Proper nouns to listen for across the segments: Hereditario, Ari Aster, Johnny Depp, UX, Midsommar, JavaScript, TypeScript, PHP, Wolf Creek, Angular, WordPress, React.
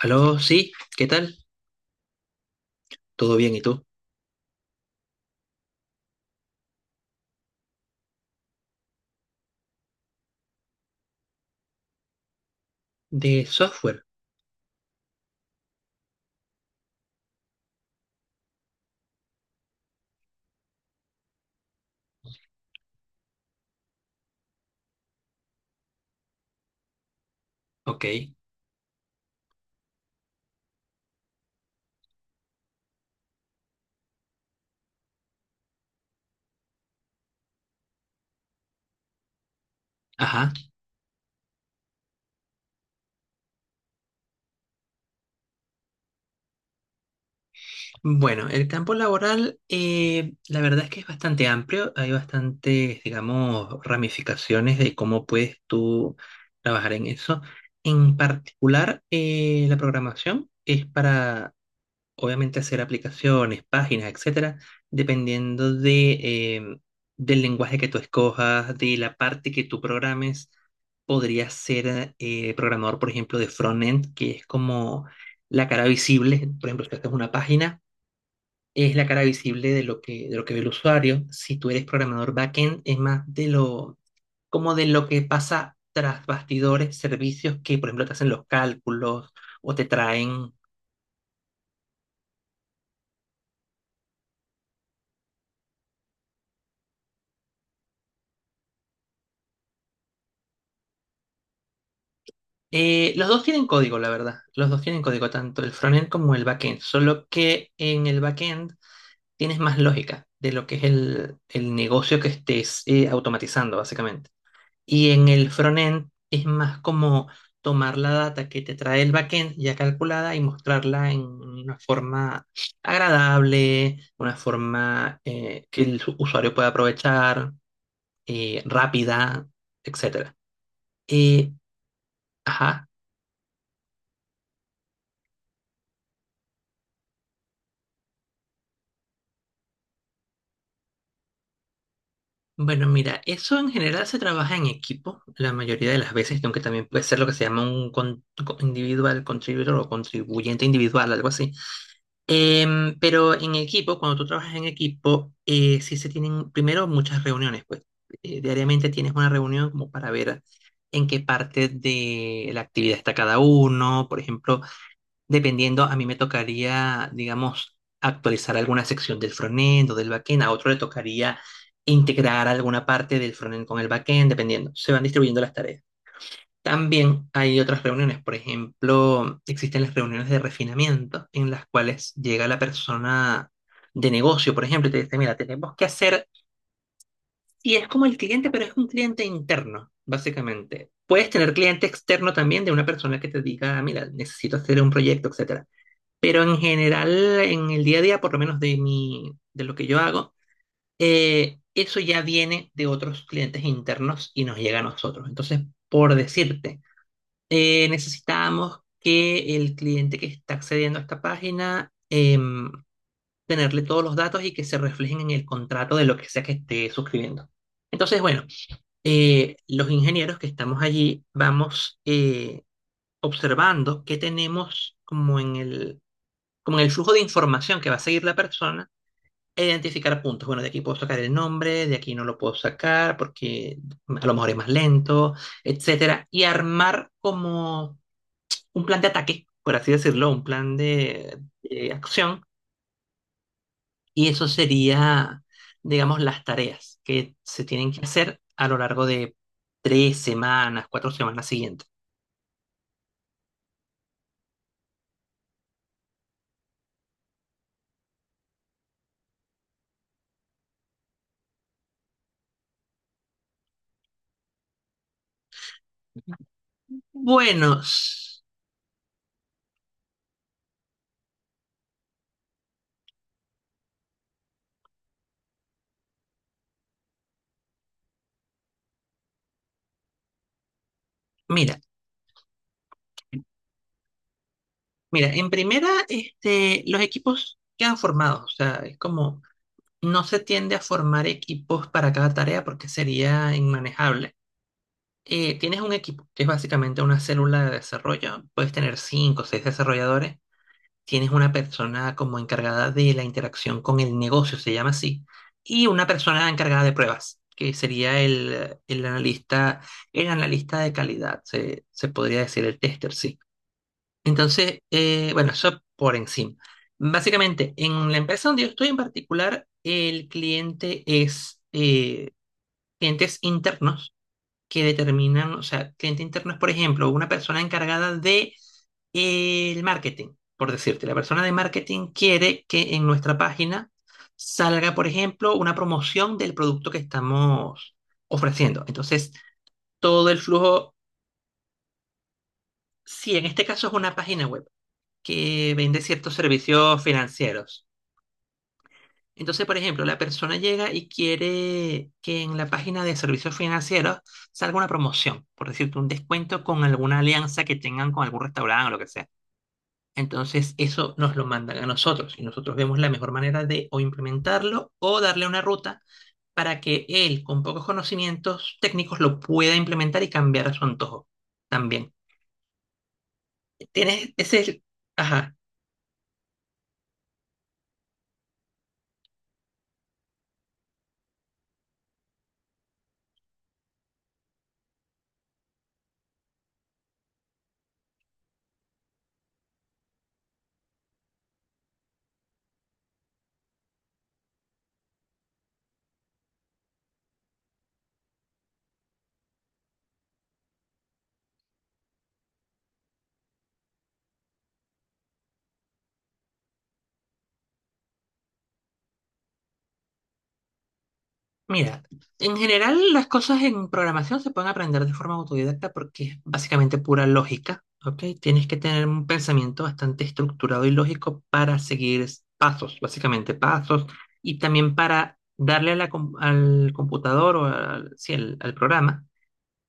Aló, sí, ¿qué tal? ¿Todo bien y tú? De software, ok, ajá. Bueno, el campo laboral, la verdad es que es bastante amplio, hay bastantes, digamos, ramificaciones de cómo puedes tú trabajar en eso. En particular, la programación es para obviamente hacer aplicaciones, páginas, etcétera, dependiendo de, del lenguaje que tú escojas, de la parte que tú programes. Podrías ser programador, por ejemplo, de frontend, que es como la cara visible. Por ejemplo, si haces una página, es la cara visible de de lo que ve el usuario. Si tú eres programador backend, es más como de lo que pasa tras bastidores, servicios que, por ejemplo, te hacen los cálculos o te traen. Los dos tienen código, la verdad. Los dos tienen código, tanto el frontend como el backend. Solo que en el backend tienes más lógica de lo que es el negocio que estés automatizando, básicamente. Y en el frontend es más como tomar la data que te trae el backend ya calculada y mostrarla en una forma agradable, una forma que el usuario pueda aprovechar, rápida, etcétera. Eh, ajá. Bueno, mira, eso en general se trabaja en equipo la mayoría de las veces, aunque también puede ser lo que se llama un individual contributor o contribuyente individual, algo así. Pero en equipo, cuando tú trabajas en equipo, sí se tienen primero muchas reuniones, pues diariamente tienes una reunión como para ver en qué parte de la actividad está cada uno, por ejemplo. Dependiendo, a mí me tocaría, digamos, actualizar alguna sección del frontend o del backend, a otro le tocaría integrar alguna parte del frontend con el backend, dependiendo. Se van distribuyendo las tareas. También hay otras reuniones, por ejemplo, existen las reuniones de refinamiento en las cuales llega la persona de negocio, por ejemplo, y te dice, mira, tenemos que hacer, y es como el cliente, pero es un cliente interno, básicamente. Puedes tener cliente externo también de una persona que te diga, mira, necesito hacer un proyecto, etcétera. Pero en general, en el día a día, por lo menos de de lo que yo hago, eso ya viene de otros clientes internos y nos llega a nosotros. Entonces, por decirte, necesitamos que el cliente que está accediendo a esta página tenerle todos los datos y que se reflejen en el contrato de lo que sea que esté suscribiendo. Entonces, bueno, los ingenieros que estamos allí vamos observando qué tenemos como en como en el flujo de información que va a seguir la persona, e identificar puntos. Bueno, de aquí puedo sacar el nombre, de aquí no lo puedo sacar porque a lo mejor es más lento, etcétera. Y armar como un plan de ataque, por así decirlo, un plan de acción. Y eso sería, digamos, las tareas que se tienen que hacer a lo largo de tres semanas, cuatro semanas siguientes. Buenos, mira, mira, en primera, este, los equipos quedan formados, o sea, es como no se tiende a formar equipos para cada tarea porque sería inmanejable. Tienes un equipo, que es básicamente una célula de desarrollo, puedes tener cinco o seis desarrolladores, tienes una persona como encargada de la interacción con el negocio, se llama así, y una persona encargada de pruebas, que sería el analista de calidad, se podría decir el tester, sí. Entonces, bueno, eso por encima. Básicamente, en la empresa donde yo estoy en particular, el cliente es clientes internos que determinan, o sea, cliente interno es, por ejemplo, una persona encargada de el marketing, por decirte. La persona de marketing quiere que en nuestra página salga, por ejemplo, una promoción del producto que estamos ofreciendo. Entonces, todo el flujo, si en este caso es una página web, que vende ciertos servicios financieros. Entonces, por ejemplo, la persona llega y quiere que en la página de servicios financieros salga una promoción, por decirte, un descuento con alguna alianza que tengan con algún restaurante o lo que sea. Entonces, eso nos lo mandan a nosotros y nosotros vemos la mejor manera de o implementarlo o darle una ruta para que él, con pocos conocimientos técnicos, lo pueda implementar y cambiar a su antojo también. Tienes ese... Ajá. Mira, en general las cosas en programación se pueden aprender de forma autodidacta porque es básicamente pura lógica, ¿ok? Tienes que tener un pensamiento bastante estructurado y lógico para seguir pasos, básicamente pasos, y también para darle a la al computador o al, sí, al programa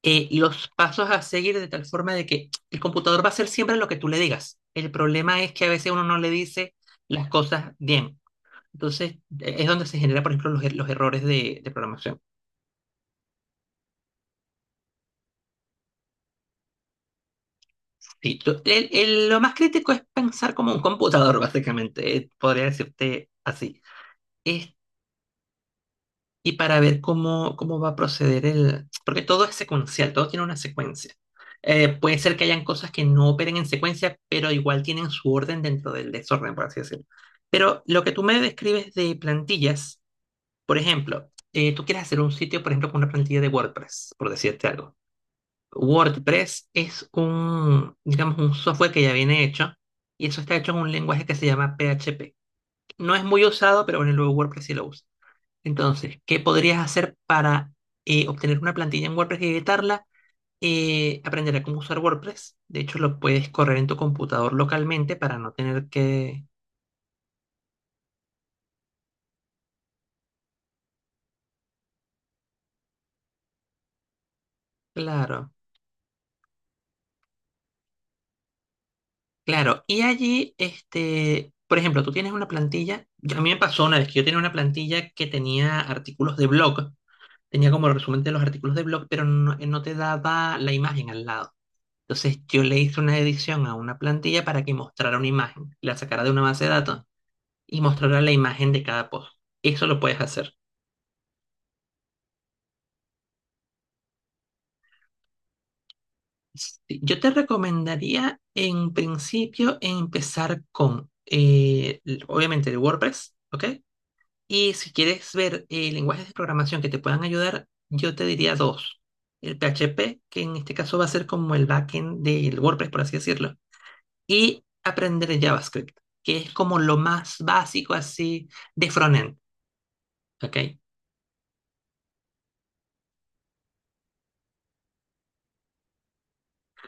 los pasos a seguir de tal forma de que el computador va a hacer siempre lo que tú le digas. El problema es que a veces uno no le dice las cosas bien. Entonces, es donde se genera, por ejemplo, los errores de programación. Sí, lo más crítico es pensar como un computador, básicamente, podría decirte así. Es- y para ver cómo, cómo va a proceder el... Porque todo es secuencial, todo tiene una secuencia. Puede ser que hayan cosas que no operen en secuencia, pero igual tienen su orden dentro del desorden, por así decirlo. Pero lo que tú me describes de plantillas, por ejemplo, tú quieres hacer un sitio, por ejemplo, con una plantilla de WordPress, por decirte algo. WordPress es un, digamos, un software que ya viene hecho y eso está hecho en un lenguaje que se llama PHP. No es muy usado, pero bueno, luego WordPress sí lo usa. Entonces, ¿qué podrías hacer para obtener una plantilla en WordPress y editarla? Aprender a cómo usar WordPress. De hecho, lo puedes correr en tu computador localmente para no tener que... Claro, claro. Y allí, este, por ejemplo, tú tienes una plantilla. A mí me pasó una vez que yo tenía una plantilla que tenía artículos de blog. Tenía como el resumen de los artículos de blog, pero no te daba la imagen al lado. Entonces yo le hice una edición a una plantilla para que mostrara una imagen, la sacara de una base de datos y mostrara la imagen de cada post. Eso lo puedes hacer. Sí, yo te recomendaría en principio empezar con, obviamente, el WordPress, ¿ok? Y si quieres ver lenguajes de programación que te puedan ayudar, yo te diría dos. El PHP, que en este caso va a ser como el backend del WordPress, por así decirlo, y aprender JavaScript, que es como lo más básico así de frontend, ¿ok?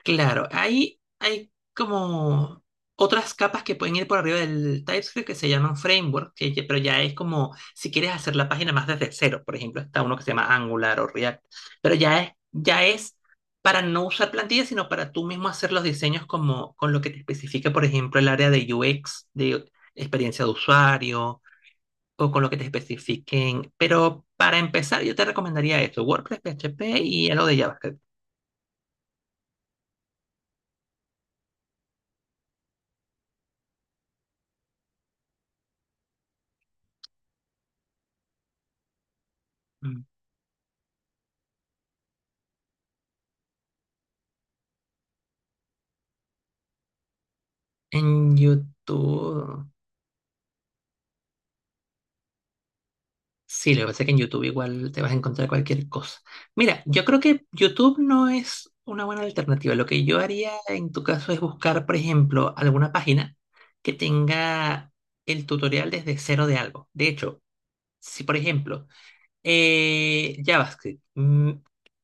Claro, ahí hay como otras capas que pueden ir por arriba del TypeScript que se llaman framework, que pero ya es como si quieres hacer la página más desde cero, por ejemplo, está uno que se llama Angular o React, pero ya es para no usar plantillas, sino para tú mismo hacer los diseños como con lo que te especifica, por ejemplo, el área de UX, de experiencia de usuario o con lo que te especifiquen. Pero para empezar, yo te recomendaría esto, WordPress, PHP y algo de JavaScript. Mm. En YouTube, sí, lo que pasa es que en YouTube igual te vas a encontrar cualquier cosa. Mira, yo creo que YouTube no es una buena alternativa. Lo que yo haría en tu caso es buscar, por ejemplo, alguna página que tenga el tutorial desde cero de algo. De hecho, si por ejemplo JavaScript.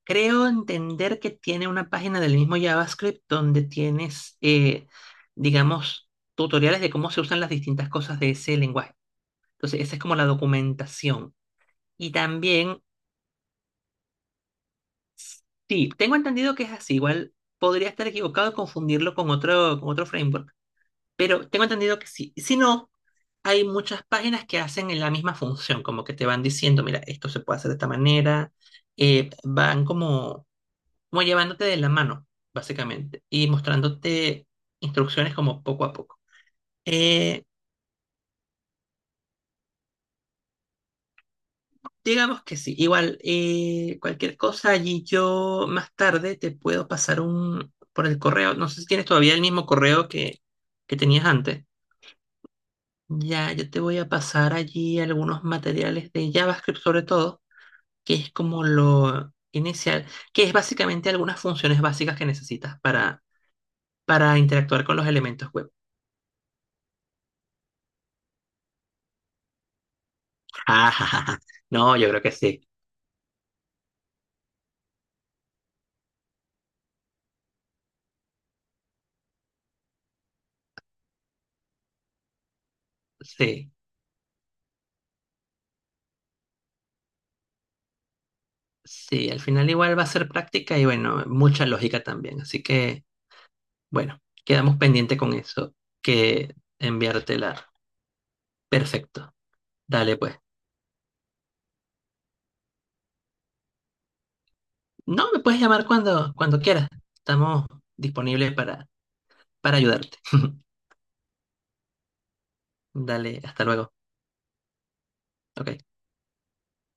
Creo entender que tiene una página del mismo JavaScript donde tienes, digamos, tutoriales de cómo se usan las distintas cosas de ese lenguaje. Entonces, esa es como la documentación. Y también, sí, tengo entendido que es así. Igual podría estar equivocado y confundirlo con otro framework, pero tengo entendido que sí. Si no, hay muchas páginas que hacen la misma función, como que te van diciendo, mira, esto se puede hacer de esta manera. Van como como llevándote de la mano, básicamente, y mostrándote instrucciones como poco a poco. Eh, digamos que sí, igual, cualquier cosa allí yo más tarde te puedo pasar un por el correo. No sé si tienes todavía el mismo correo que tenías antes. Ya, yo te voy a pasar allí algunos materiales de JavaScript sobre todo, que es como lo inicial, que es básicamente algunas funciones básicas que necesitas para interactuar con los elementos web. No, yo creo que sí. Sí, sí, al final igual va a ser práctica y bueno, mucha lógica también. Así que, bueno, quedamos pendiente con eso, que enviártela. Perfecto. Dale pues. No, me puedes llamar cuando quieras. Estamos disponibles para ayudarte. Dale, hasta luego. Ok.